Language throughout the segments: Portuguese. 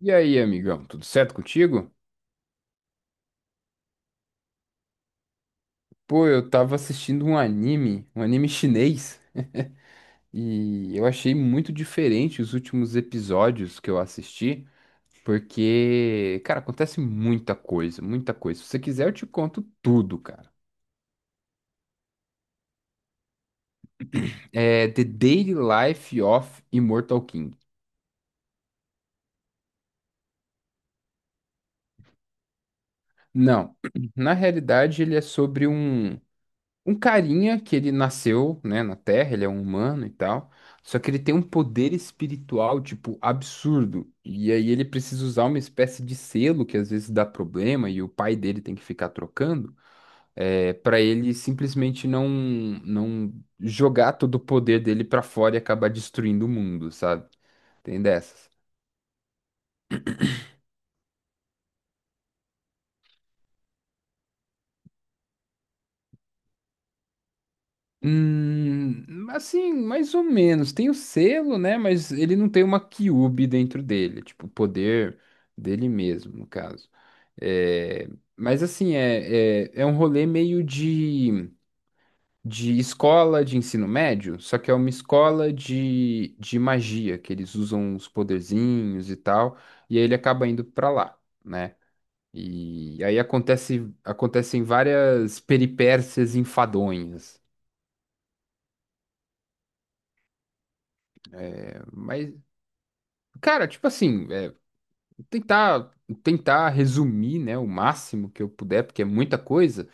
E aí, amigão, tudo certo contigo? Pô, eu tava assistindo um anime chinês, e eu achei muito diferente os últimos episódios que eu assisti, porque, cara, acontece muita coisa, muita coisa. Se você quiser, eu te conto tudo, cara. É The Daily Life of Immortal King. Não, na realidade ele é sobre um carinha que ele nasceu, né, na Terra, ele é um humano e tal, só que ele tem um poder espiritual, tipo, absurdo. E aí ele precisa usar uma espécie de selo que às vezes dá problema e o pai dele tem que ficar trocando, para ele simplesmente não jogar todo o poder dele pra fora e acabar destruindo o mundo, sabe? Tem dessas. Assim, mais ou menos. Tem o selo, né? Mas ele não tem uma Kyuubi dentro dele, tipo, o poder dele mesmo, no caso. É, mas assim, é um rolê meio de, escola de ensino médio, só que é uma escola de magia, que eles usam os poderzinhos e tal, e aí ele acaba indo pra lá, né? E aí acontecem várias peripécias enfadonhas. É, mas Cara, tipo assim, tentar tentar resumir, né, o máximo que eu puder, porque é muita coisa.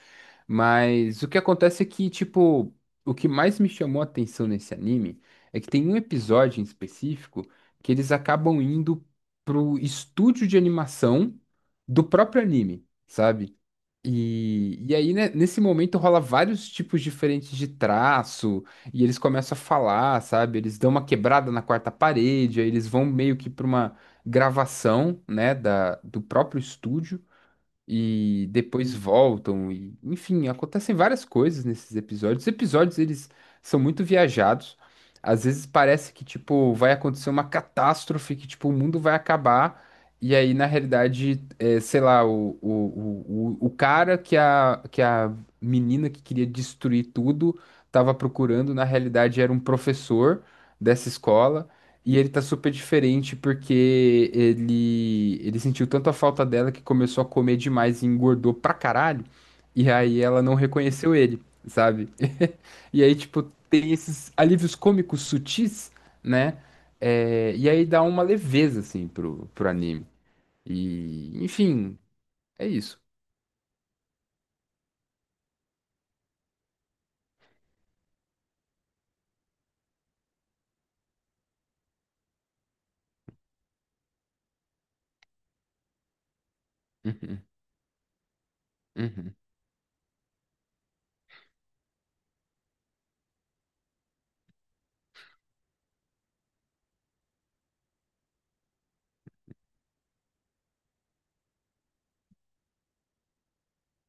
Mas o que acontece é que, tipo, o que mais me chamou a atenção nesse anime é que tem um episódio em específico que eles acabam indo pro estúdio de animação do próprio anime, sabe? E aí, né, nesse momento, rola vários tipos diferentes de traço, e eles começam a falar, sabe? Eles dão uma quebrada na quarta parede, aí eles vão meio que pra uma gravação, né, do próprio estúdio e depois voltam e enfim, acontecem várias coisas nesses episódios. Os episódios eles são muito viajados. Às vezes parece que tipo vai acontecer uma catástrofe, que tipo o mundo vai acabar e aí na realidade, sei lá, o cara que a menina que queria destruir tudo estava procurando, na realidade era um professor dessa escola. E ele tá super diferente porque ele sentiu tanto a falta dela que começou a comer demais e engordou pra caralho. E aí ela não reconheceu ele, sabe? E aí, tipo, tem esses alívios cômicos sutis, né? É, e aí dá uma leveza, assim, pro anime. E, enfim, é isso. Uhum, uhum.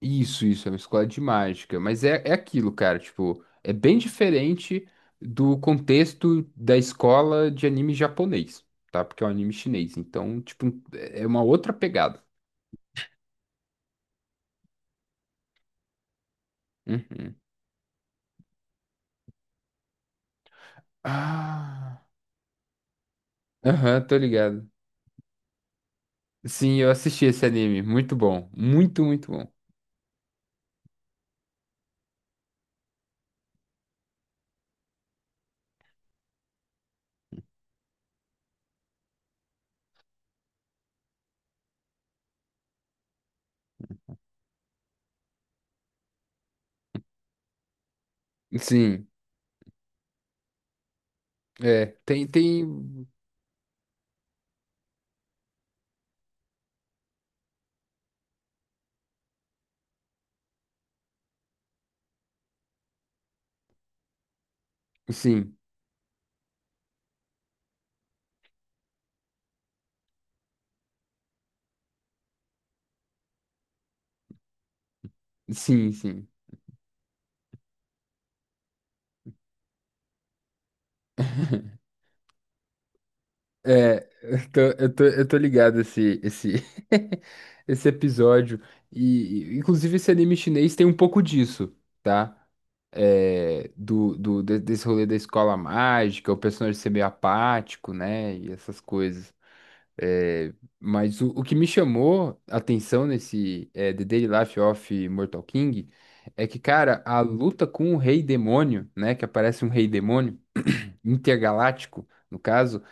Isso, é uma escola de mágica. Mas é aquilo, cara, tipo, é bem diferente do contexto da escola de anime japonês, tá? Porque é um anime chinês. Então, tipo, é uma outra pegada. Uhum. Ah, aham, tô ligado. Sim, eu assisti esse anime. Muito bom. Muito, muito bom. Sim, é. Tem, tem. Sim, sim, sim. É, eu tô ligado esse episódio. E, inclusive, esse anime chinês tem um pouco disso, tá? É, desse rolê da escola mágica, o personagem ser meio apático, né? E essas coisas. É, mas o que me chamou a atenção nesse The Daily Life of Mortal King é que, cara, a luta com o rei demônio, né? Que aparece um rei demônio intergaláctico, no caso,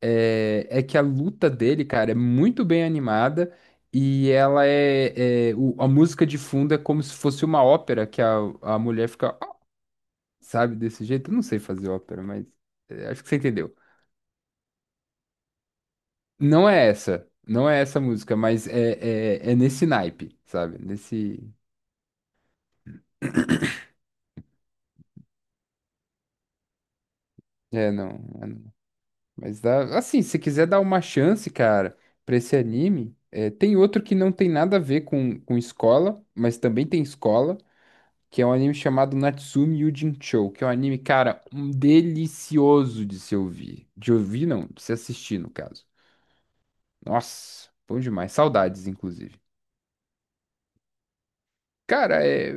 é que a luta dele, cara, é muito bem animada e ela a música de fundo é como se fosse uma ópera que a mulher fica, "Ah", sabe, desse jeito. Eu não sei fazer ópera, mas acho que você entendeu. Não é essa, não é essa música, mas é nesse naipe, sabe? Nesse. É, não. É, não. Mas dá, assim, se quiser dar uma chance, cara, pra esse anime, tem outro que não tem nada a ver com, escola, mas também tem escola, que é um anime chamado Natsume Yuujinchou, que é um anime, cara, um delicioso de se ouvir. De ouvir, não, de se assistir, no caso. Nossa, bom demais. Saudades, inclusive. Cara, é,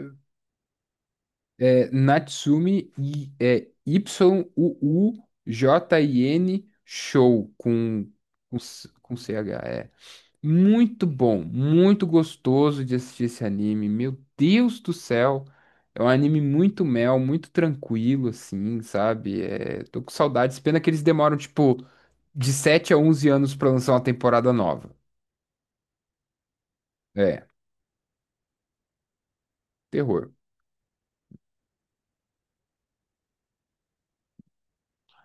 é Natsume e é Yuujin Show com CH. Muito bom, muito gostoso de assistir esse anime. Meu Deus do céu. É um anime muito mel, muito tranquilo, assim, sabe? É, tô com saudades. Pena que eles demoram, tipo, de 7 a 11 anos pra lançar uma temporada nova. É, terror.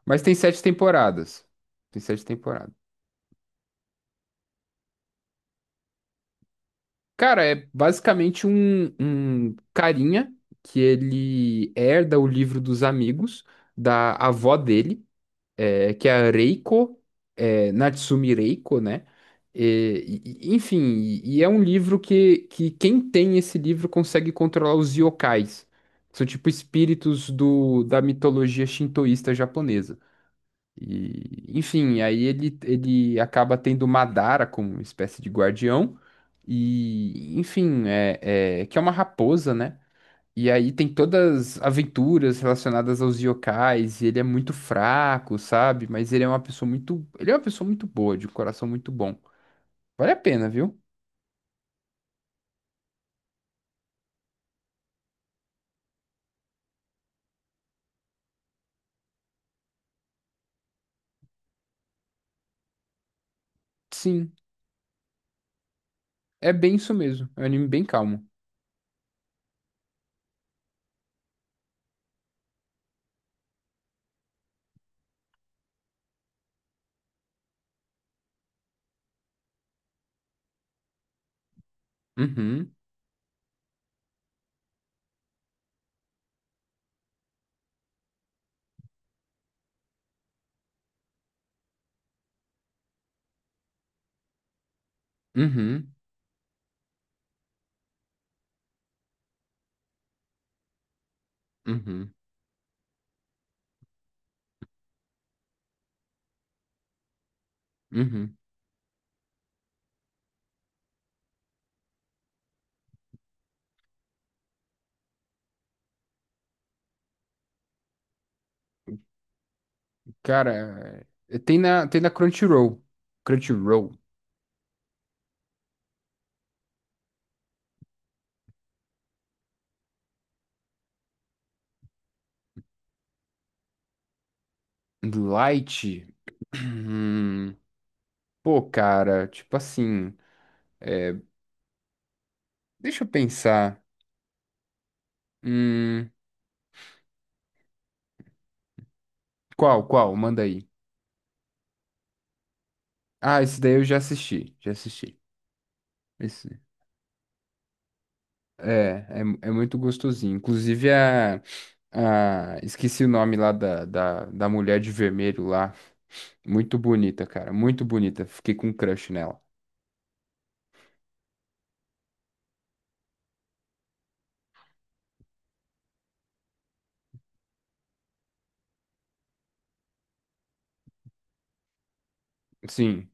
Mas tem 7 temporadas. Tem 7 temporadas. Cara, é basicamente um carinha que ele herda o livro dos amigos da avó dele. Que é a Reiko, Natsumi Reiko, né? Enfim, e é um livro que quem tem esse livro consegue controlar os yokais. São tipo espíritos da mitologia shintoísta japonesa. E, enfim, aí ele acaba tendo Madara como uma espécie de guardião. E, enfim, que é uma raposa, né? E aí tem todas as aventuras relacionadas aos yokais, e ele é muito fraco, sabe? Mas ele é uma pessoa muito boa, de um coração muito bom. Vale a pena, viu? Sim, é bem isso mesmo. É um anime bem calmo. Uhum, uhum, uhum, uhum. Cara, tem na Crunchyroll. Crunchyroll. Light. Hum, Pô, cara, tipo assim, é, deixa eu pensar. Hum, qual, qual? Manda aí. Ah, esse daí eu já assisti, já assisti. Esse, é, é muito gostosinho. Inclusive, esqueci o nome lá da mulher de vermelho lá. Muito bonita, cara, muito bonita. Fiquei com um crush nela. Sim,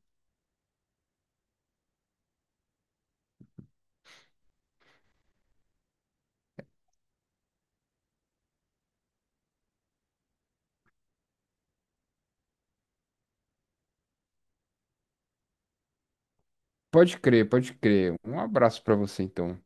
pode crer, pode crer. Um abraço pra você, então.